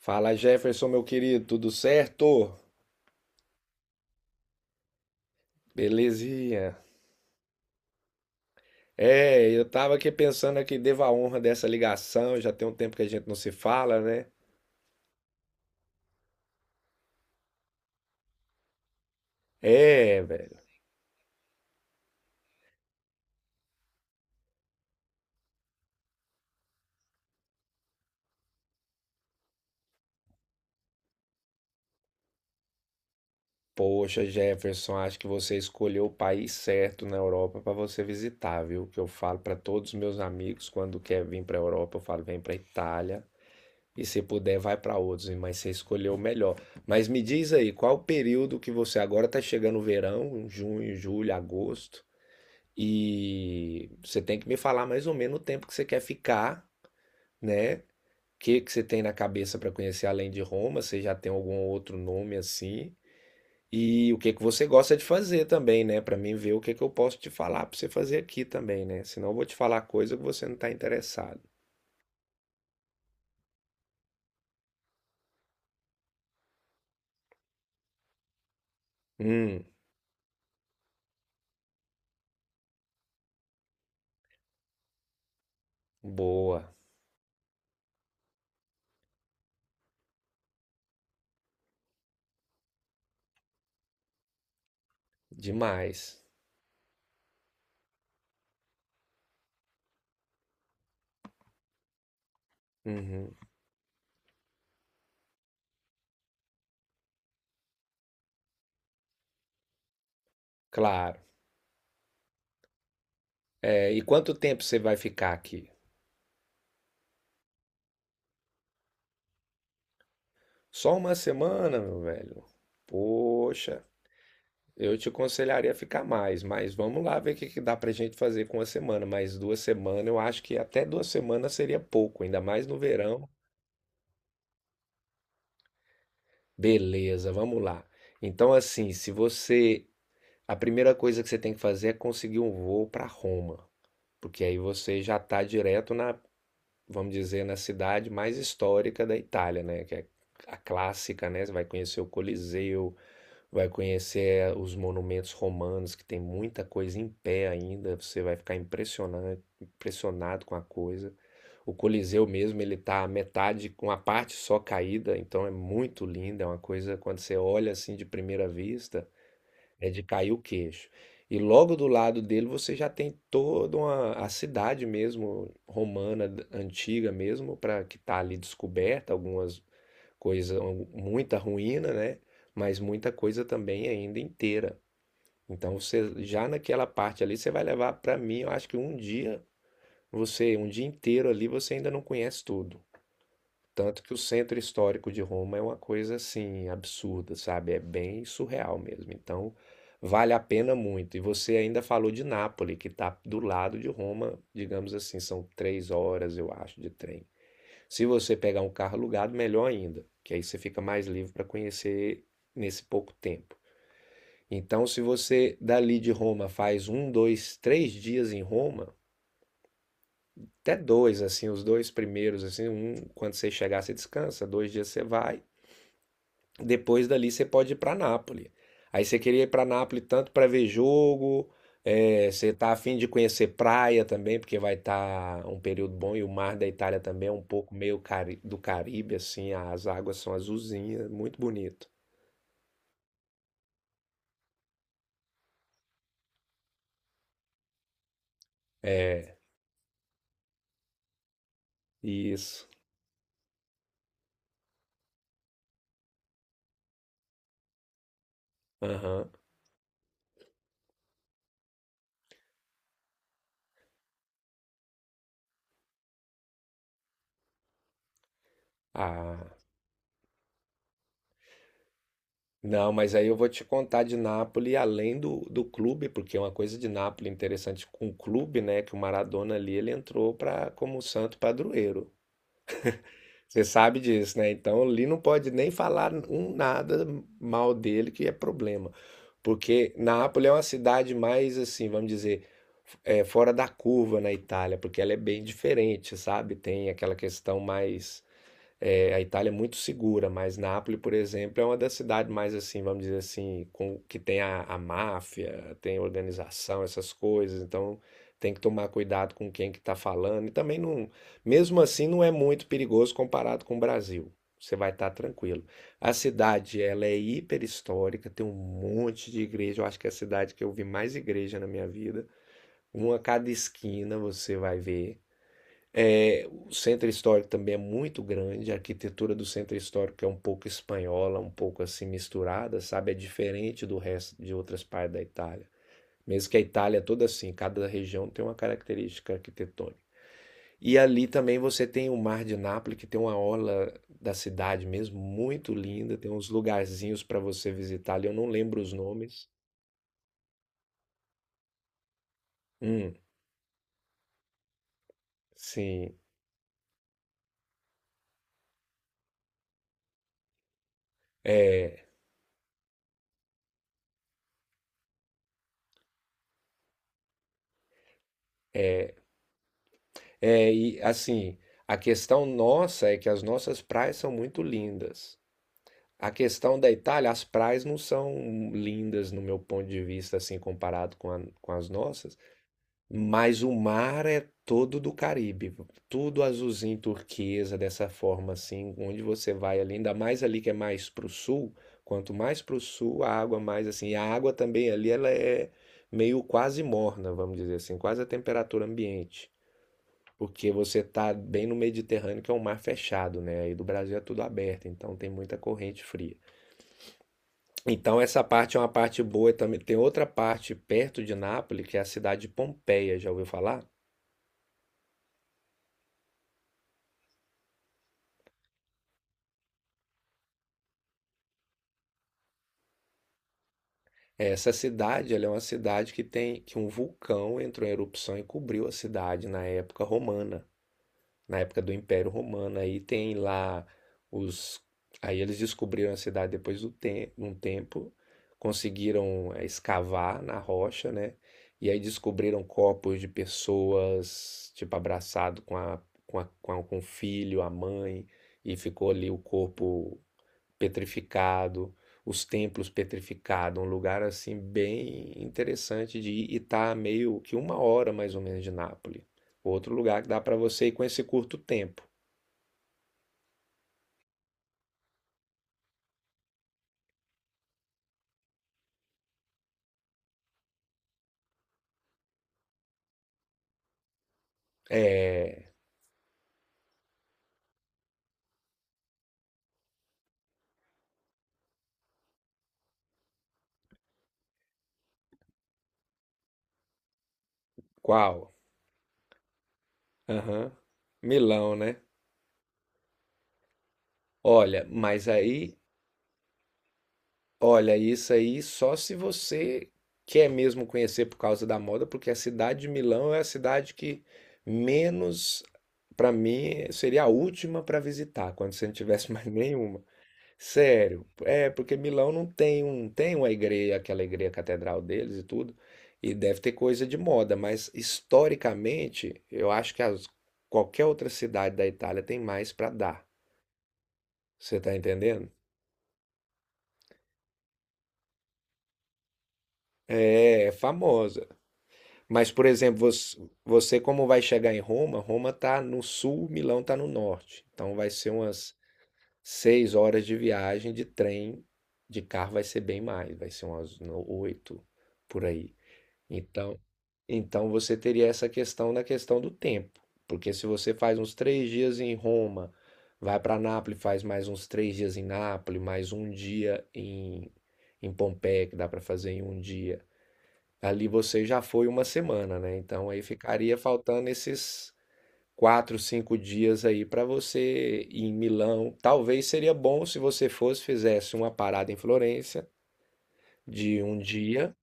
Fala Jefferson, meu querido, tudo certo? Belezinha. É, eu tava aqui pensando que devo a honra dessa ligação, já tem um tempo que a gente não se fala, né? É, velho. Poxa, Jefferson, acho que você escolheu o país certo na Europa pra você visitar, viu? Que eu falo pra todos os meus amigos quando quer vir pra Europa, eu falo, vem pra Itália e se puder vai pra outros, mas você escolheu o melhor. Mas me diz aí, qual o período que você agora tá chegando o verão, junho, julho, agosto? E você tem que me falar mais ou menos o tempo que você quer ficar, né? O que que você tem na cabeça para conhecer além de Roma? Você já tem algum outro nome assim? E o que que você gosta de fazer também, né? Para mim ver o que que eu posso te falar para você fazer aqui também, né? Senão eu vou te falar coisa que você não está interessado. Hum, boa, demais. Uhum, claro. É, e quanto tempo você vai ficar aqui? Só uma semana, meu velho. Poxa. Eu te aconselharia a ficar mais, mas vamos lá ver o que que dá pra gente fazer com uma semana. Mas 2 semanas, eu acho que até 2 semanas seria pouco, ainda mais no verão. Beleza, vamos lá. Então, assim, se você. A primeira coisa que você tem que fazer é conseguir um voo para Roma, porque aí você já tá direto na, vamos dizer, na cidade mais histórica da Itália, né? Que é a clássica, né? Você vai conhecer o Coliseu. Vai conhecer os monumentos romanos, que tem muita coisa em pé ainda, você vai ficar impressionado, impressionado com a coisa. O Coliseu mesmo, ele tá a metade, com a parte só caída, então é muito lindo, é uma coisa, quando você olha assim de primeira vista, é de cair o queixo. E logo do lado dele você já tem toda uma, a cidade mesmo, romana, antiga mesmo, para que tá ali descoberta, algumas coisa, um, muita ruína, né? Mas muita coisa também ainda inteira. Então você já naquela parte ali você vai levar para mim, eu acho que um dia, você, um dia inteiro ali você ainda não conhece tudo. Tanto que o centro histórico de Roma é uma coisa assim absurda, sabe? É bem surreal mesmo. Então vale a pena muito. E você ainda falou de Nápoles, que está do lado de Roma, digamos assim, são 3 horas, eu acho, de trem. Se você pegar um carro alugado, melhor ainda, que aí você fica mais livre para conhecer nesse pouco tempo. Então, se você dali de Roma faz um, dois, 3 dias em Roma, até dois, assim, os dois primeiros, assim, um, quando você chegar, você descansa, 2 dias você vai. Depois dali você pode ir para Nápoles. Aí você queria ir para Nápoles tanto para ver jogo, é, você tá afim de conhecer praia também, porque vai estar um período bom e o mar da Itália também é um pouco meio do Caribe, assim, as águas são azulzinhas, muito bonito. É, isso. Aham. Ah, não, mas aí eu vou te contar de Nápoles além do clube, porque é uma coisa de Nápoles interessante com o clube, né? Que o Maradona ali ele entrou para como santo padroeiro. Você sabe disso, né? Então, ali não pode nem falar um nada mal dele, que é problema. Porque Nápoles é uma cidade mais, assim, vamos dizer, é, fora da curva na Itália, porque ela é bem diferente, sabe? Tem aquela questão mais é, a Itália é muito segura, mas Nápoles, por exemplo, é uma das cidades mais assim, vamos dizer assim, com, que tem a máfia, tem organização, essas coisas. Então tem que tomar cuidado com quem que está falando. E também não, mesmo assim, não é muito perigoso comparado com o Brasil. Você vai estar tranquilo. A cidade, ela é hiper histórica, tem um monte de igreja. Eu acho que é a cidade que eu vi mais igreja na minha vida. Uma a cada esquina você vai ver. É, o centro histórico também é muito grande, a arquitetura do centro histórico é um pouco espanhola, um pouco assim misturada, sabe? É diferente do resto de outras partes da Itália. Mesmo que a Itália é toda assim, cada região tem uma característica arquitetônica. E ali também você tem o Mar de Nápoles, que tem uma orla da cidade mesmo muito linda, tem uns lugarzinhos para você visitar ali, eu não lembro os nomes. Hum, sim. É, é, É, e assim, a questão nossa é que as nossas praias são muito lindas. A questão da Itália, as praias não são lindas no meu ponto de vista, assim, comparado com, com as nossas, mas o mar é todo do Caribe, tudo azulzinho turquesa, dessa forma, assim, onde você vai ali, ainda mais ali que é mais pro sul, quanto mais pro sul, a água mais assim, e a água também ali, ela é meio quase morna, vamos dizer assim, quase a temperatura ambiente. Porque você tá bem no Mediterrâneo, que é um mar fechado, né? Aí do Brasil é tudo aberto, então tem muita corrente fria. Então essa parte é uma parte boa também. Tem outra parte perto de Nápoles, que é a cidade de Pompeia, já ouviu falar? Essa cidade, ela é uma cidade que tem que um vulcão entrou em erupção e cobriu a cidade na época romana, na época do Império Romano. Aí tem lá os. Aí eles descobriram a cidade depois um tempo, conseguiram escavar na rocha, né? E aí descobriram corpos de pessoas, tipo, abraçado com a, com o filho, a mãe, e ficou ali o corpo petrificado, os templos petrificados, um lugar assim bem interessante de ir e tá meio que uma hora mais ou menos de Nápoles. Outro lugar que dá para você ir com esse curto tempo. É, qual? Aham. Milão, né? Olha, mas aí, olha, isso aí só se você quer mesmo conhecer por causa da moda, porque a cidade de Milão é a cidade que menos, para mim, seria a última para visitar, quando você não tivesse mais nenhuma. Sério, é porque Milão não tem um, tem uma igreja, aquela igreja catedral deles e tudo, e deve ter coisa de moda, mas historicamente eu acho que qualquer outra cidade da Itália tem mais para dar. Você tá entendendo? É, é famosa. Mas, por exemplo, você como vai chegar em Roma? Roma tá no sul, Milão tá no norte. Então vai ser umas 6 horas de viagem de trem, de carro vai ser bem mais, vai ser umas oito por aí. Então, então você teria essa questão na questão do tempo, porque se você faz uns 3 dias em Roma, vai para Nápoles, faz mais uns 3 dias em Nápoles, mais um dia em, em Pompeia, que dá para fazer em um dia. Ali você já foi uma semana, né? Então aí ficaria faltando esses 4, 5 dias aí para você ir em Milão. Talvez seria bom se você fosse, fizesse uma parada em Florença de um dia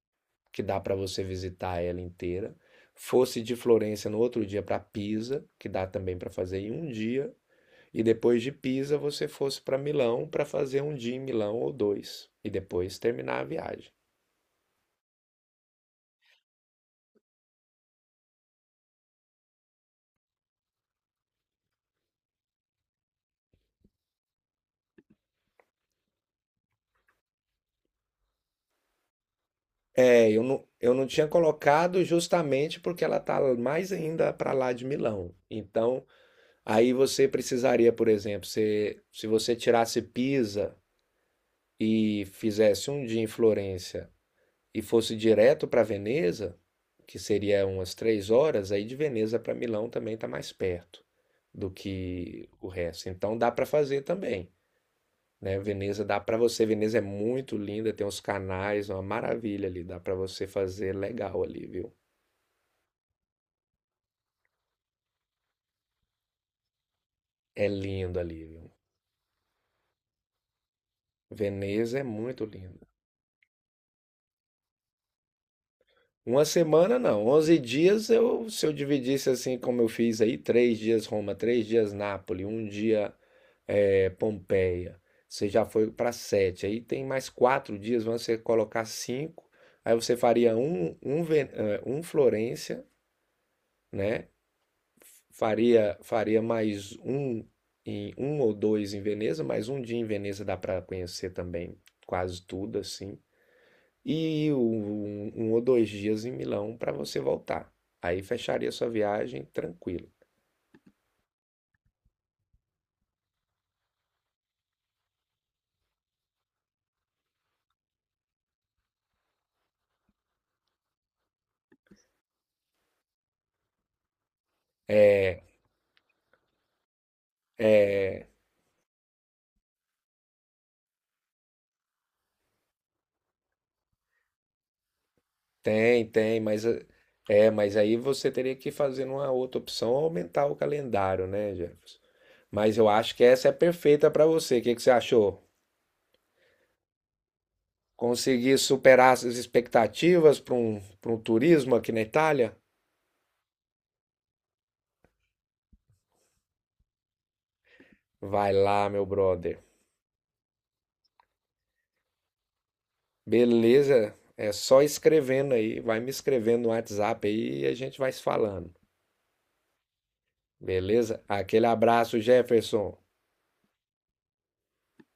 que dá para você visitar ela inteira. Fosse de Florença no outro dia para Pisa, que dá também para fazer em um dia. E depois de Pisa, você fosse para Milão para fazer um dia em Milão ou dois. E depois terminar a viagem. É, eu não tinha colocado justamente porque ela está mais ainda para lá de Milão. Então, aí você precisaria, por exemplo, se você tirasse Pisa e fizesse um dia em Florença e fosse direto para Veneza, que seria umas 3 horas, aí de Veneza para Milão também está mais perto do que o resto. Então dá para fazer também, né? Veneza dá para você. Veneza é muito linda, tem uns canais, uma maravilha ali. Dá para você fazer legal ali, viu? É lindo ali, viu? Veneza é muito linda. Uma semana não, 11 dias eu, se eu dividisse assim como eu fiz aí, 3 dias Roma, 3 dias Nápoles, um dia é, Pompeia. Você já foi para sete. Aí tem mais 4 dias, vão você colocar cinco. Aí você faria um, um, um Florência, né? Faria, faria mais um em um ou dois em Veneza, mais um dia em Veneza dá para conhecer também quase tudo assim. E um ou dois dias em Milão para você voltar. Aí fecharia sua viagem tranquilo. É, tem, mas mas aí você teria que fazer uma outra opção, aumentar o calendário, né, Jefferson? Mas eu acho que essa é perfeita para você. O que que você achou? Conseguir superar as expectativas para um turismo aqui na Itália? Vai lá, meu brother. Beleza? É só escrevendo aí, vai me escrevendo no WhatsApp aí e a gente vai se falando. Beleza? Aquele abraço, Jefferson.